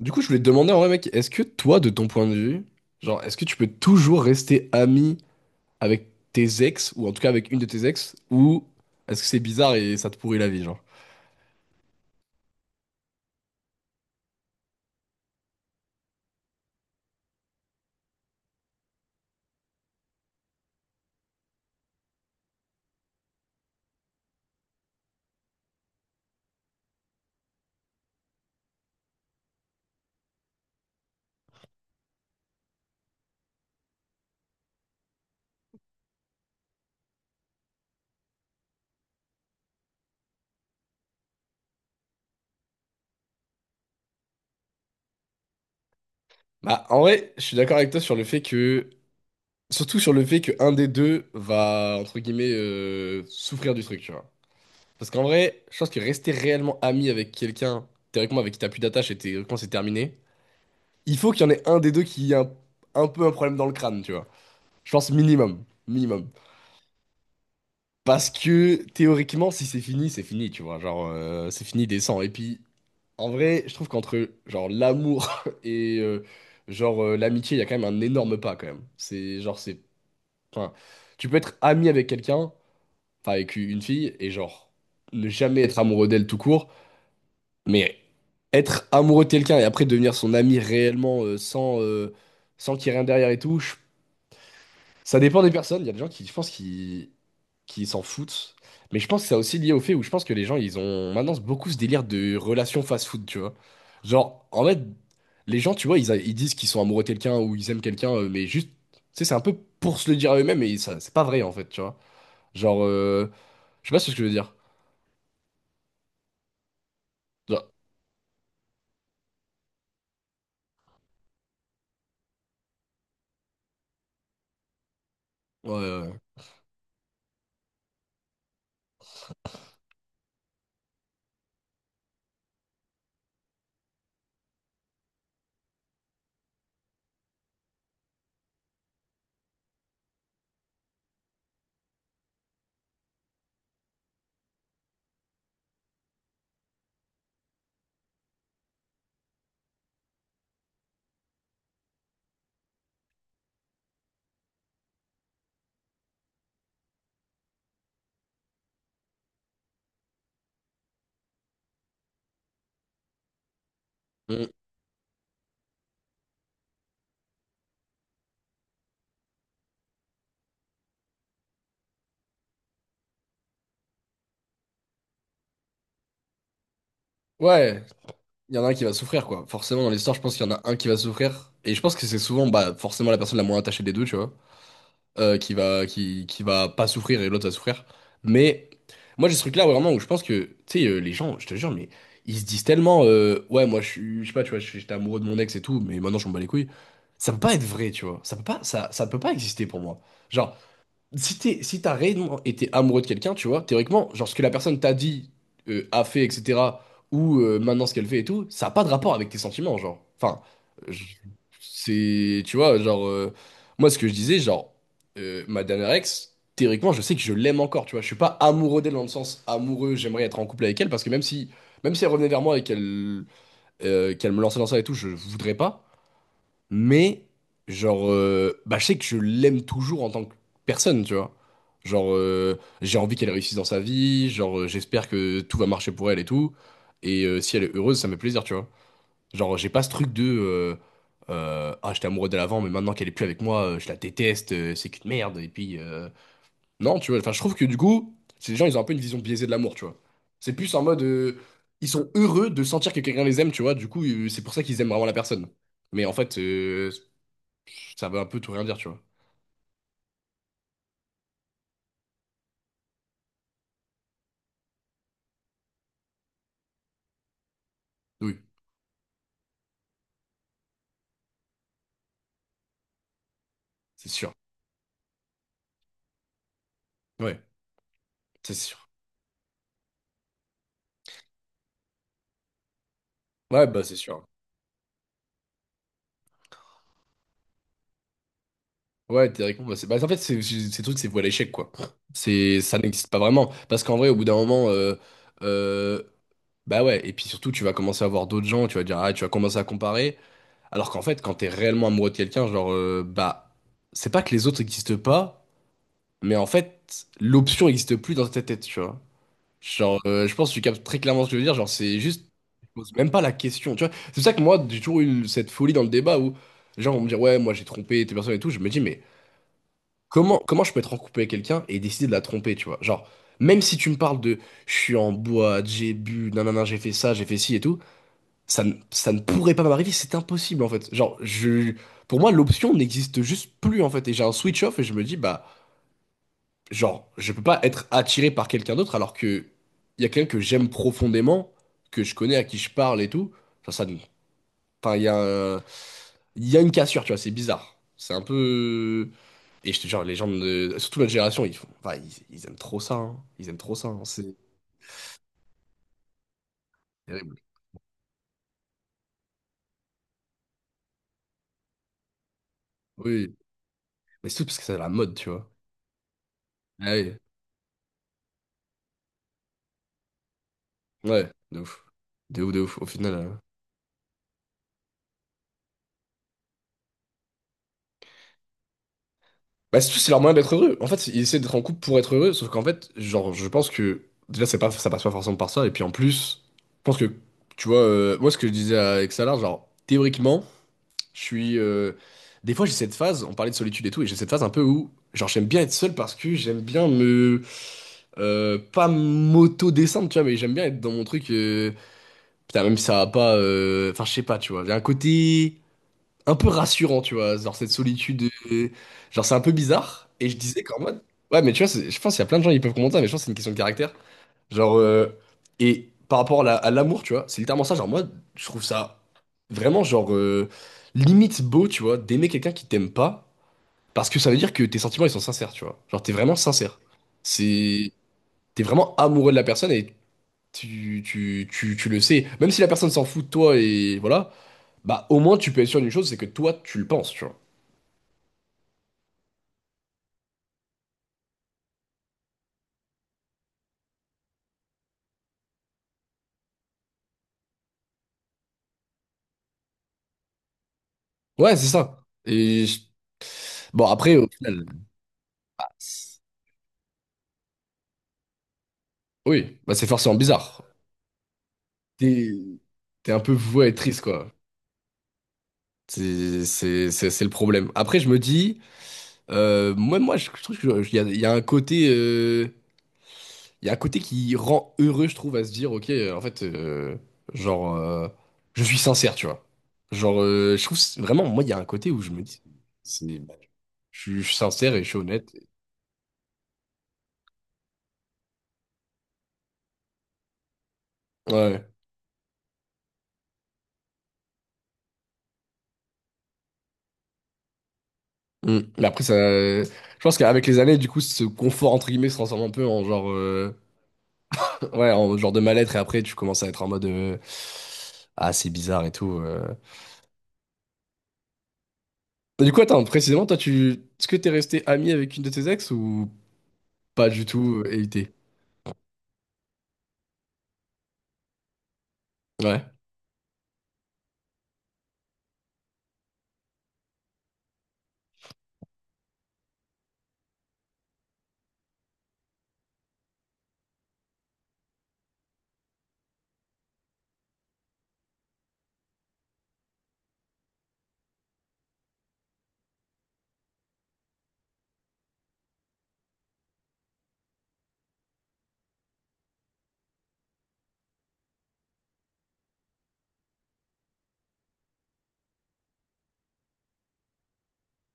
Du coup, je voulais te demander en vrai, mec, est-ce que toi, de ton point de vue, genre, est-ce que tu peux toujours rester ami avec tes ex, ou en tout cas avec une de tes ex, ou est-ce que c'est bizarre et ça te pourrit la vie, genre? Bah, en vrai, je suis d'accord avec toi sur le fait que, surtout sur le fait que un des deux va, entre guillemets, souffrir du truc, tu vois. Parce qu'en vrai, je pense que rester réellement ami avec quelqu'un, théoriquement avec qui t'as plus d'attache et théoriquement c'est terminé, il faut qu'il y en ait un des deux qui ait un peu un problème dans le crâne, tu vois. Je pense minimum, minimum. Parce que théoriquement, si c'est fini, c'est fini, tu vois. Genre, c'est fini des sangs. Et puis, en vrai, je trouve qu'entre genre l'amour et genre l'amitié, il y a quand même un énorme pas quand même. C'est genre, c'est. Enfin, tu peux être ami avec quelqu'un, enfin avec une fille, et genre ne jamais être amoureux d'elle tout court, mais être amoureux de quelqu'un et après devenir son ami réellement sans, sans qu'il y ait rien derrière et tout, je ça dépend des personnes. Il y a des gens qui, je pense, qui s'en foutent. Mais je pense que c'est aussi lié au fait où je pense que les gens, ils ont maintenant beaucoup ce délire de relation fast-food, tu vois. Genre, en fait, les gens, tu vois, ils, ils disent qu'ils sont amoureux de quelqu'un ou ils aiment quelqu'un, mais juste, tu sais, c'est un peu pour se le dire à eux-mêmes et ça, c'est pas vrai, en fait, tu vois. Genre, je sais pas ce que je veux dire. Genre, ouais, ouais, ouais, Mm. Ouais, il y en a un qui va souffrir, quoi. Forcément, dans l'histoire, je pense qu'il y en a un qui va souffrir. Et je pense que c'est souvent, bah, forcément, la personne la moins attachée des deux, tu vois. Qui va, qui va pas souffrir et l'autre va souffrir. Mais moi, j'ai ce truc-là vraiment où je pense que, tu sais, les gens, je te jure, mais ils se disent tellement, ouais, moi, je suis, je sais pas, tu vois, j'étais amoureux de mon ex et tout, mais maintenant, je m'en bats les couilles. Ça peut pas être vrai, tu vois. Ça peut pas, ça peut pas exister pour moi. Genre, si t'es, si t'as réellement été amoureux de quelqu'un, tu vois, théoriquement, genre ce que la personne t'a dit, a fait, etc., ou maintenant ce qu'elle fait et tout, ça n'a pas de rapport avec tes sentiments, genre. Enfin, je- c'est, tu vois, genre, moi ce que je disais, genre, ma dernière ex, théoriquement, je sais que je l'aime encore, tu vois, je suis pas amoureux d'elle dans le sens amoureux, j'aimerais être en couple avec elle, parce que même si elle revenait vers moi et qu'elle me lançait dans ça et tout, je voudrais pas. Mais, genre, bah, je sais que je l'aime toujours en tant que personne, tu vois. Genre, j'ai envie qu'elle réussisse dans sa vie, genre, j'espère que tout va marcher pour elle et tout. Et si elle est heureuse, ça me fait plaisir, tu vois. Genre, j'ai pas ce truc de, ah, j'étais amoureux d'elle avant, mais maintenant qu'elle est plus avec moi, je la déteste, c'est qu'une merde. Et puis, non, tu vois, enfin, je trouve que du coup, ces gens, ils ont un peu une vision biaisée de l'amour, tu vois. C'est plus en mode, ils sont heureux de sentir que quelqu'un les aime, tu vois. Du coup, c'est pour ça qu'ils aiment vraiment la personne. Mais en fait, ça veut un peu tout rien dire, tu vois. Oui, c'est sûr. Ouais, c'est sûr. Ouais, bah c'est sûr. Ouais, théoriquement, bah, c'est... bah, en fait, c'est, ces trucs, c'est voile à l'échec, quoi. C'est... Ça n'existe pas vraiment. Parce qu'en vrai, au bout d'un moment, euh, bah ouais, et puis surtout, tu vas commencer à voir d'autres gens, tu vas dire, ah, tu vas commencer à comparer. Alors qu'en fait, quand t'es réellement amoureux de quelqu'un, genre, bah, c'est pas que les autres n'existent pas, mais en fait, l'option n'existe plus dans ta tête, tu vois. Genre, je pense que tu captes très clairement ce que je veux dire. Genre, c'est juste, je pose même pas la question. Tu vois, c'est pour ça que moi, j'ai toujours eu cette folie dans le débat où, genre, on me dit, ouais, moi j'ai trompé tes personnes et tout. Je me dis, mais comment, comment je peux être en couple avec quelqu'un et décider de la tromper, tu vois? Genre, même si tu me parles de, je suis en boîte, j'ai bu, nanana, j'ai fait ça, j'ai fait ci et tout, ça, ça ne pourrait pas m'arriver. C'est impossible, en fait. Genre, je, pour moi, l'option n'existe juste plus, en fait. Et j'ai un switch off et je me dis, bah. Genre, je peux pas être attiré par quelqu'un d'autre alors que il y a quelqu'un que j'aime profondément, que je connais, à qui je parle et tout. Enfin, ça, enfin, il y a un- il y a une cassure, tu vois, c'est bizarre. C'est un peu... Et je te jure, les gens de... Surtout notre génération, ils font... Enfin, ils aiment trop ça, hein. Ils aiment trop ça, hein. C'est terrible. Oui, mais c'est tout parce que c'est la mode, tu vois. Ah oui. Ouais, de ouf. De ouf, de ouf. Au final... Bah, c'est tout, c'est leur moyen d'être heureux. En fait, ils essaient d'être en couple pour être heureux, sauf qu'en fait, genre, je pense que déjà, c'est pas, ça passe pas forcément par ça. Et puis en plus, je pense que, tu vois, moi, ce que je disais avec Xalar, genre, théoriquement, je suis. Des fois, j'ai cette phase, on parlait de solitude et tout, et j'ai cette phase un peu où, genre, j'aime bien être seul parce que j'aime bien me. Pas m'auto-descendre, tu vois, mais j'aime bien être dans mon truc. Putain, même si ça va pas. Enfin, je sais pas, tu vois. Il y a un côté un peu rassurant, tu vois, genre cette solitude, euh, genre c'est un peu bizarre. Et je disais qu'en mode, ouais, mais tu vois, je pense qu'il y a plein de gens qui peuvent comprendre ça, mais je pense que c'est une question de caractère. Genre, et par rapport à à l'amour, tu vois, c'est littéralement ça. Genre, moi, je trouve ça vraiment, genre, limite beau, tu vois, d'aimer quelqu'un qui t'aime pas, parce que ça veut dire que tes sentiments, ils sont sincères, tu vois. Genre, t'es vraiment sincère. C'est. T'es vraiment amoureux de la personne et tu le sais. Même si la personne s'en fout de toi et voilà, bah, au moins, tu peux être sûr d'une chose, c'est que toi, tu le penses, tu vois. Ouais, c'est ça. Et bon, après, au final, c'est- oui, bah, c'est forcément bizarre. T'es T'es un peu voué à être triste, quoi. C'est le problème. Après, je me dis, moi, je trouve qu'il y a, il y a un côté, il y a un côté qui rend heureux, je trouve, à se dire, ok, en fait, genre, je suis sincère, tu vois. Genre, je trouve vraiment, moi, il y a un côté où je me dis, c'est, bah, je suis sincère et je suis honnête. Ouais. Mm. Mais après, ça... je pense qu'avec les années, du coup, ce confort, entre guillemets, se transforme un peu en genre, ouais, en genre de mal-être. Et après, tu commences à être en mode, ah, c'est bizarre et tout. Et du coup, attends, précisément, toi, tu... est-ce que t'es resté ami avec une de tes ex ou pas du tout, évité? Ouais.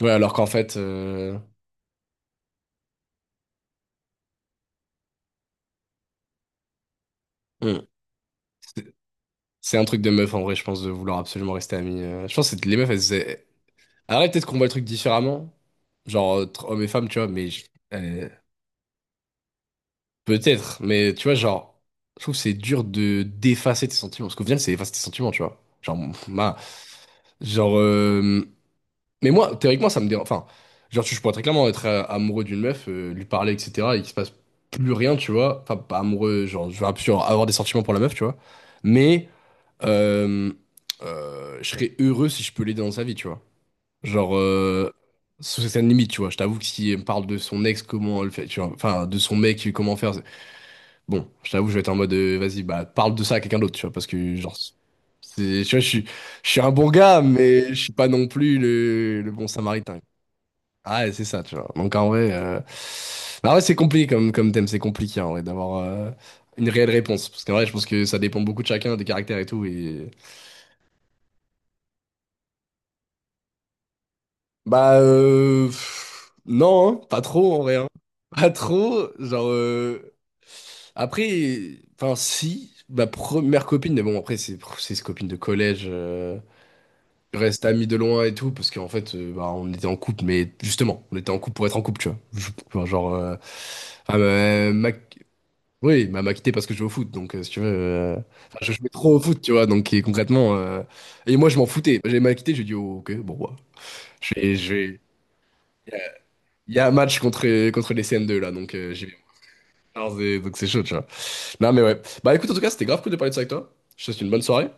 Ouais, alors qu'en fait, mm. C'est c'est un truc de meuf, en vrai, je pense, de vouloir absolument rester ami. Je pense que les meufs, elles... Arrête, peut-être qu'on voit le truc différemment. Genre, entre hommes et femmes, tu vois, mais... Peut-être, mais tu vois, genre, je trouve que c'est dur de d'effacer tes sentiments, parce qu'au final, c'est effacer tes sentiments, tu vois. Genre, ma, genre, mais moi, théoriquement, ça me dérange. Enfin, genre, je pourrais très clairement être amoureux d'une meuf, lui parler, etc., et qu'il se passe plus rien, tu vois. Enfin, pas amoureux, genre, je vais absolument avoir des sentiments pour la meuf, tu vois. Mais euh, je serais heureux si je peux l'aider dans sa vie, tu vois. Genre, sous certaines limites, tu vois. Je t'avoue que si elle me parle de son ex, comment elle fait, tu vois. Enfin, de son mec, comment faire. Bon, je t'avoue, je vais être en mode, vas-y, bah, parle de ça à quelqu'un d'autre, tu vois, parce que, genre, c'est, tu vois, je suis un bon gars, mais je suis pas non plus le bon samaritain. Ah, ouais, c'est ça, tu vois. Donc, en vrai, bah, ouais, c'est compliqué comme, comme thème, c'est compliqué, en vrai, d'avoir une réelle réponse. Parce qu'en vrai, je pense que ça dépend beaucoup de chacun, des caractères et tout, et... Bah, pff, non, hein, pas trop, en vrai, hein. Pas trop, genre, après, enfin, si, ma première copine, mais bon, après, c'est copine de collège... reste amis de loin et tout, parce qu'en fait, bah, on était en couple, mais justement, on était en couple pour être en couple, tu vois. Enfin, genre, enfin, ma- ma- oui, ma m'a quitté parce que je jouais au foot, donc si tu veux, enfin, je jouais trop au foot, tu vois, donc et concrètement, et moi je m'en foutais. J'ai m'a quitté, j'ai dit, oh, ok, bon, bah, je vais, je vais- il y a un match contre, contre les CM2 là, donc j'y vais. Alors, donc c'est chaud, tu vois. Non, mais ouais. Bah écoute, en tout cas, c'était grave cool de parler de ça avec toi. Je te souhaite une bonne soirée.